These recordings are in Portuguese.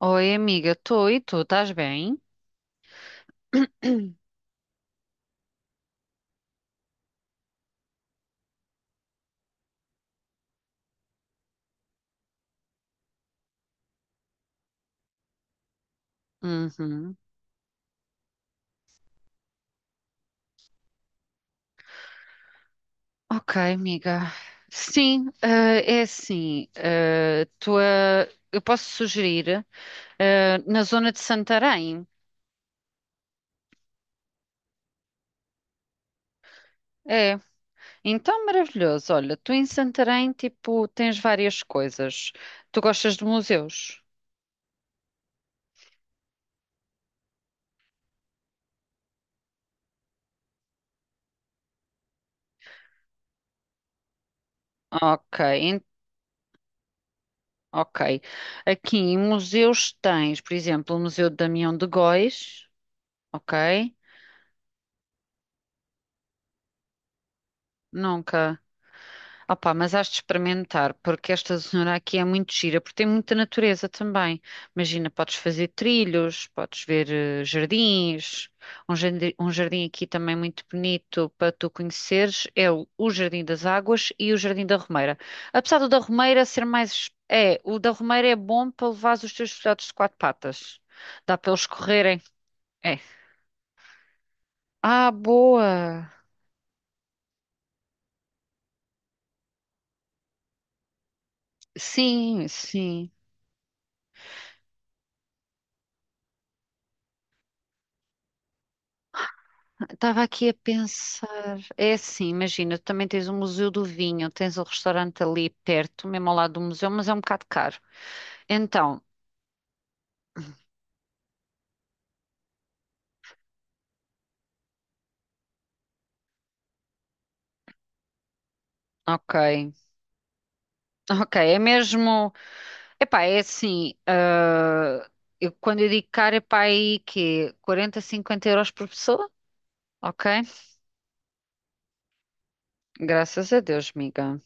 Oi, amiga, tô. E tu, estás bem? Uhum. Ok, amiga. Sim, é assim, eu posso sugerir, na zona de Santarém. É, então maravilhoso. Olha, tu em Santarém, tipo, tens várias coisas. Tu gostas de museus? Ok, en- ok. Aqui em museus tens, por exemplo, o Museu de Damião de Góis, ok? Nunca. Opa, mas has de experimentar, porque esta zona aqui é muito gira, porque tem muita natureza também. Imagina, podes fazer trilhos, podes ver jardins. Um jardim aqui também muito bonito para tu conheceres é o Jardim das Águas e o Jardim da Romeira. Apesar do da Romeira ser mais. É, o da Romeira é bom para levar os teus filhotes de quatro patas. Dá para eles correrem. É. Ah, boa! Sim, sim. Estava aqui a pensar, é assim, imagina, tu também tens o Museu do Vinho, tens o restaurante ali perto, mesmo ao lado do museu, mas é um bocado caro. Então, ok, ok, é mesmo, epá, é assim, eu, quando eu digo caro, epá, aí que 40, 50 € por pessoa? Ok, graças a Deus, amiga,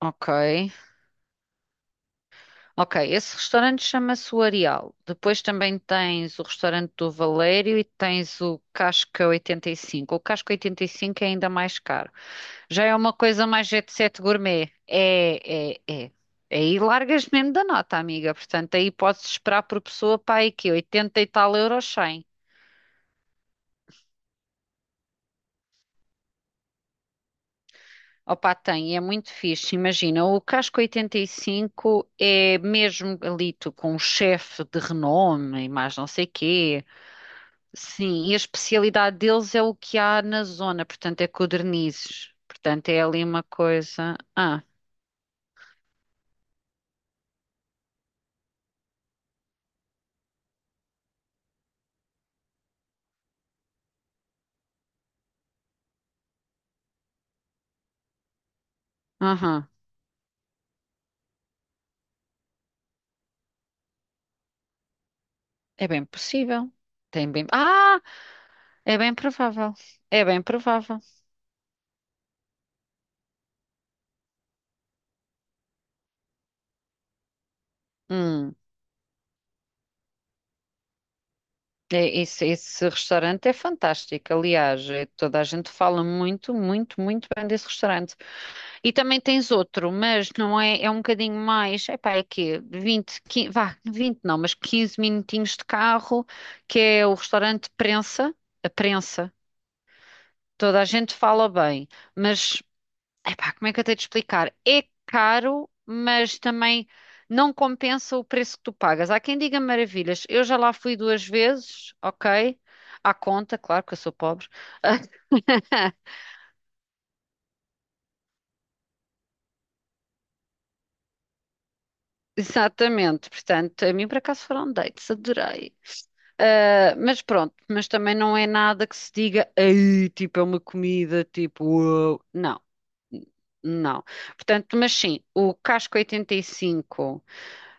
ok. Ok, esse restaurante chama-se o Areal. Depois também tens o restaurante do Valério e tens o Casca 85. O Casca 85 é ainda mais caro. Já é uma coisa mais jet set gourmet. É, é, é. Aí largas mesmo da nota, amiga. Portanto, aí podes esperar por pessoa para aí que 80 e tal euros, 100. Opa, tem, é muito fixe. Imagina, o Casco 85 é mesmo ali tu, com um chefe de renome e mais não sei quê. Sim, e a especialidade deles é o que há na zona, portanto é codornizes. Portanto é ali uma coisa. Ah, aham, é bem possível. Tem bem. Ah, é bem provável. É bem provável. Hum, é, esse restaurante é fantástico. Aliás, é- toda a gente fala muito, muito, muito bem desse restaurante. E também tens outro, mas não é, é um bocadinho mais, epá, é quê? 20, 15, vá, 20 não, mas 15 minutinhos de carro, que é o restaurante Prensa, a Prensa, toda a gente fala bem, mas, epá, como é que eu tenho de explicar? É caro, mas também não compensa o preço que tu pagas. Há quem diga maravilhas, eu já lá fui duas vezes, ok? À conta, claro que eu sou pobre. Exatamente, portanto, a mim por acaso foram dates, adorei. Ah, mas pronto, mas também não é nada que se diga: "Ei, tipo, é uma comida, tipo, uau." Não, não. Portanto, mas sim, o casco 85,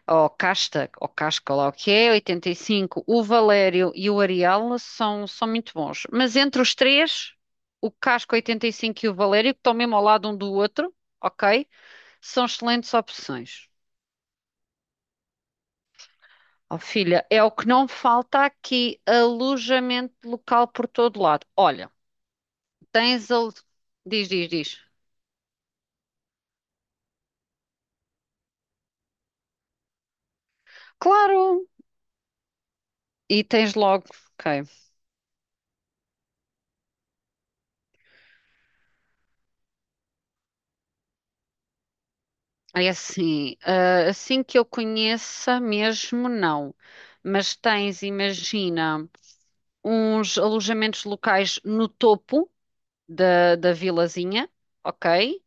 ou casta, ou casca, lá o que é, oitenta e cinco, o Valério e o Arial são, são muito bons. Mas entre os três, o casco 85 e cinco e o Valério, que estão mesmo ao lado um do outro, ok? São excelentes opções. Oh, filha, é o que não falta aqui, alojamento local por todo lado. Olha. Tens a... Diz, diz, diz. Claro! E tens logo. Ok. É assim, assim que eu conheça mesmo, não. Mas tens, imagina, uns alojamentos locais no topo da vilazinha, ok?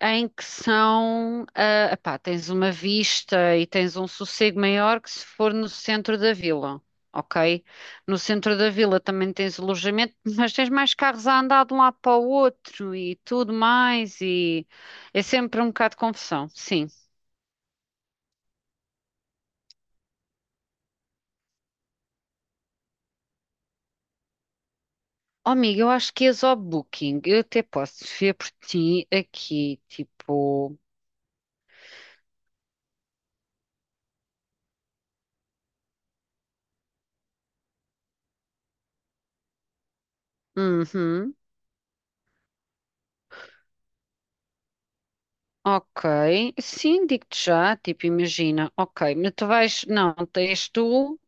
Em que são, epá, tens uma vista e tens um sossego maior que se for no centro da vila, ok? No centro da vila também tens alojamento, mas tens mais carros a andar de um lado para o outro e tudo mais, e é sempre um bocado de confusão, sim. Oh, amiga, eu acho que és ao Booking, eu até posso ver por ti aqui, tipo. Uhum. Ok, sim, digo-te já, tipo, imagina, ok, mas tu vais, não, tens tu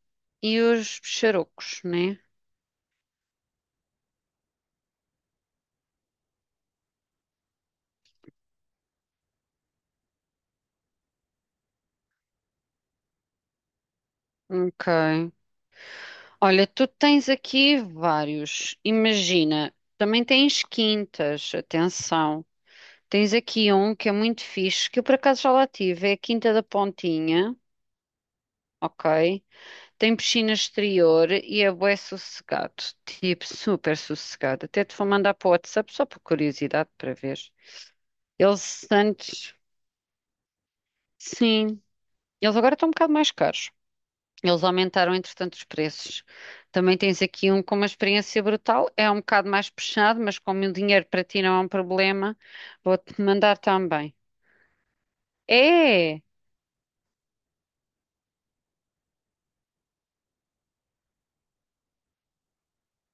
e os xarocos, né? Ok. Olha, tu tens aqui vários, imagina, também tens quintas, atenção. Tens aqui um que é muito fixe, que eu por acaso já lá tive, é a Quinta da Pontinha, ok? Tem piscina exterior e é bué sossegado, tipo, super sossegado. Até te vou mandar para o WhatsApp só por curiosidade para ver. Eles antes, sim, eles agora estão um bocado mais caros. Eles aumentaram, entretanto, os preços. Também tens aqui um com uma experiência brutal. É um bocado mais puxado, mas como o dinheiro para ti não é um problema, vou-te mandar também. É!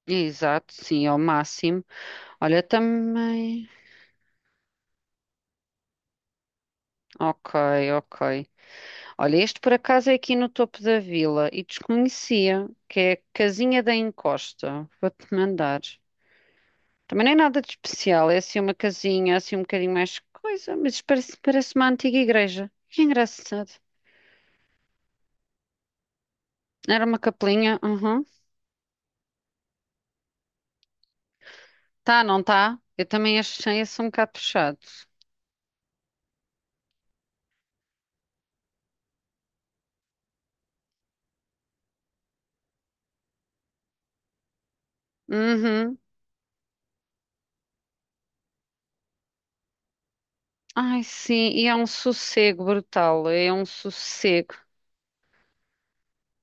Exato, sim, ao máximo. Olha, também. Ok, ok. Olha, este por acaso é aqui no topo da vila e desconhecia, que é Casinha da Encosta. Vou-te mandar. Também não é nada de especial, é assim uma casinha, assim um bocadinho mais coisa, mas isso parece, parece uma antiga igreja. Que engraçado. Era uma capelinha, uhum. Tá, não tá? Eu também achei esse um bocado fechado. Uhum. Ai, sim, e é um sossego brutal, é um sossego.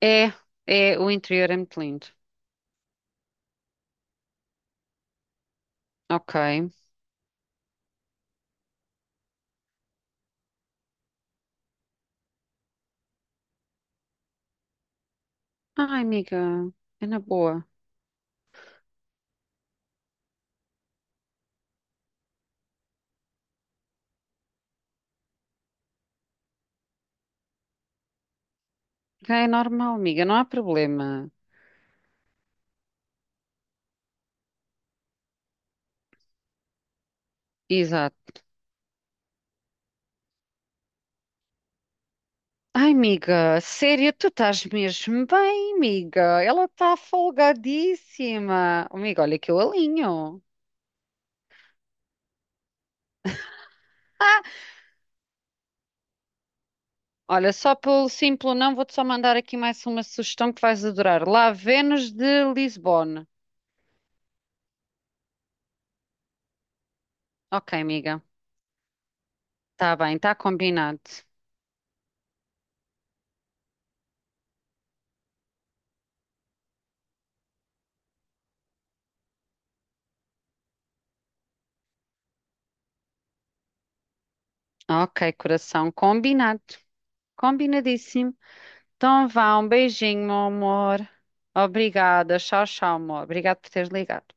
É, é, o interior é muito lindo. Ok. Ai, amiga, é na boa. É normal, amiga, não há problema. Ai, amiga, sério, tu estás mesmo bem, amiga. Ela está folgadíssima. Oh, amiga, olha que eu alinho. Ah, olha, só pelo simples não, vou-te só mandar aqui mais uma sugestão que vais adorar. Lá, Vênus de Lisbona. Ok, amiga. Tá bem, tá combinado. Ok, coração, combinado. Combinadíssimo. Então vá, um beijinho, meu amor. Obrigada. Tchau, tchau, amor. Obrigada por teres ligado.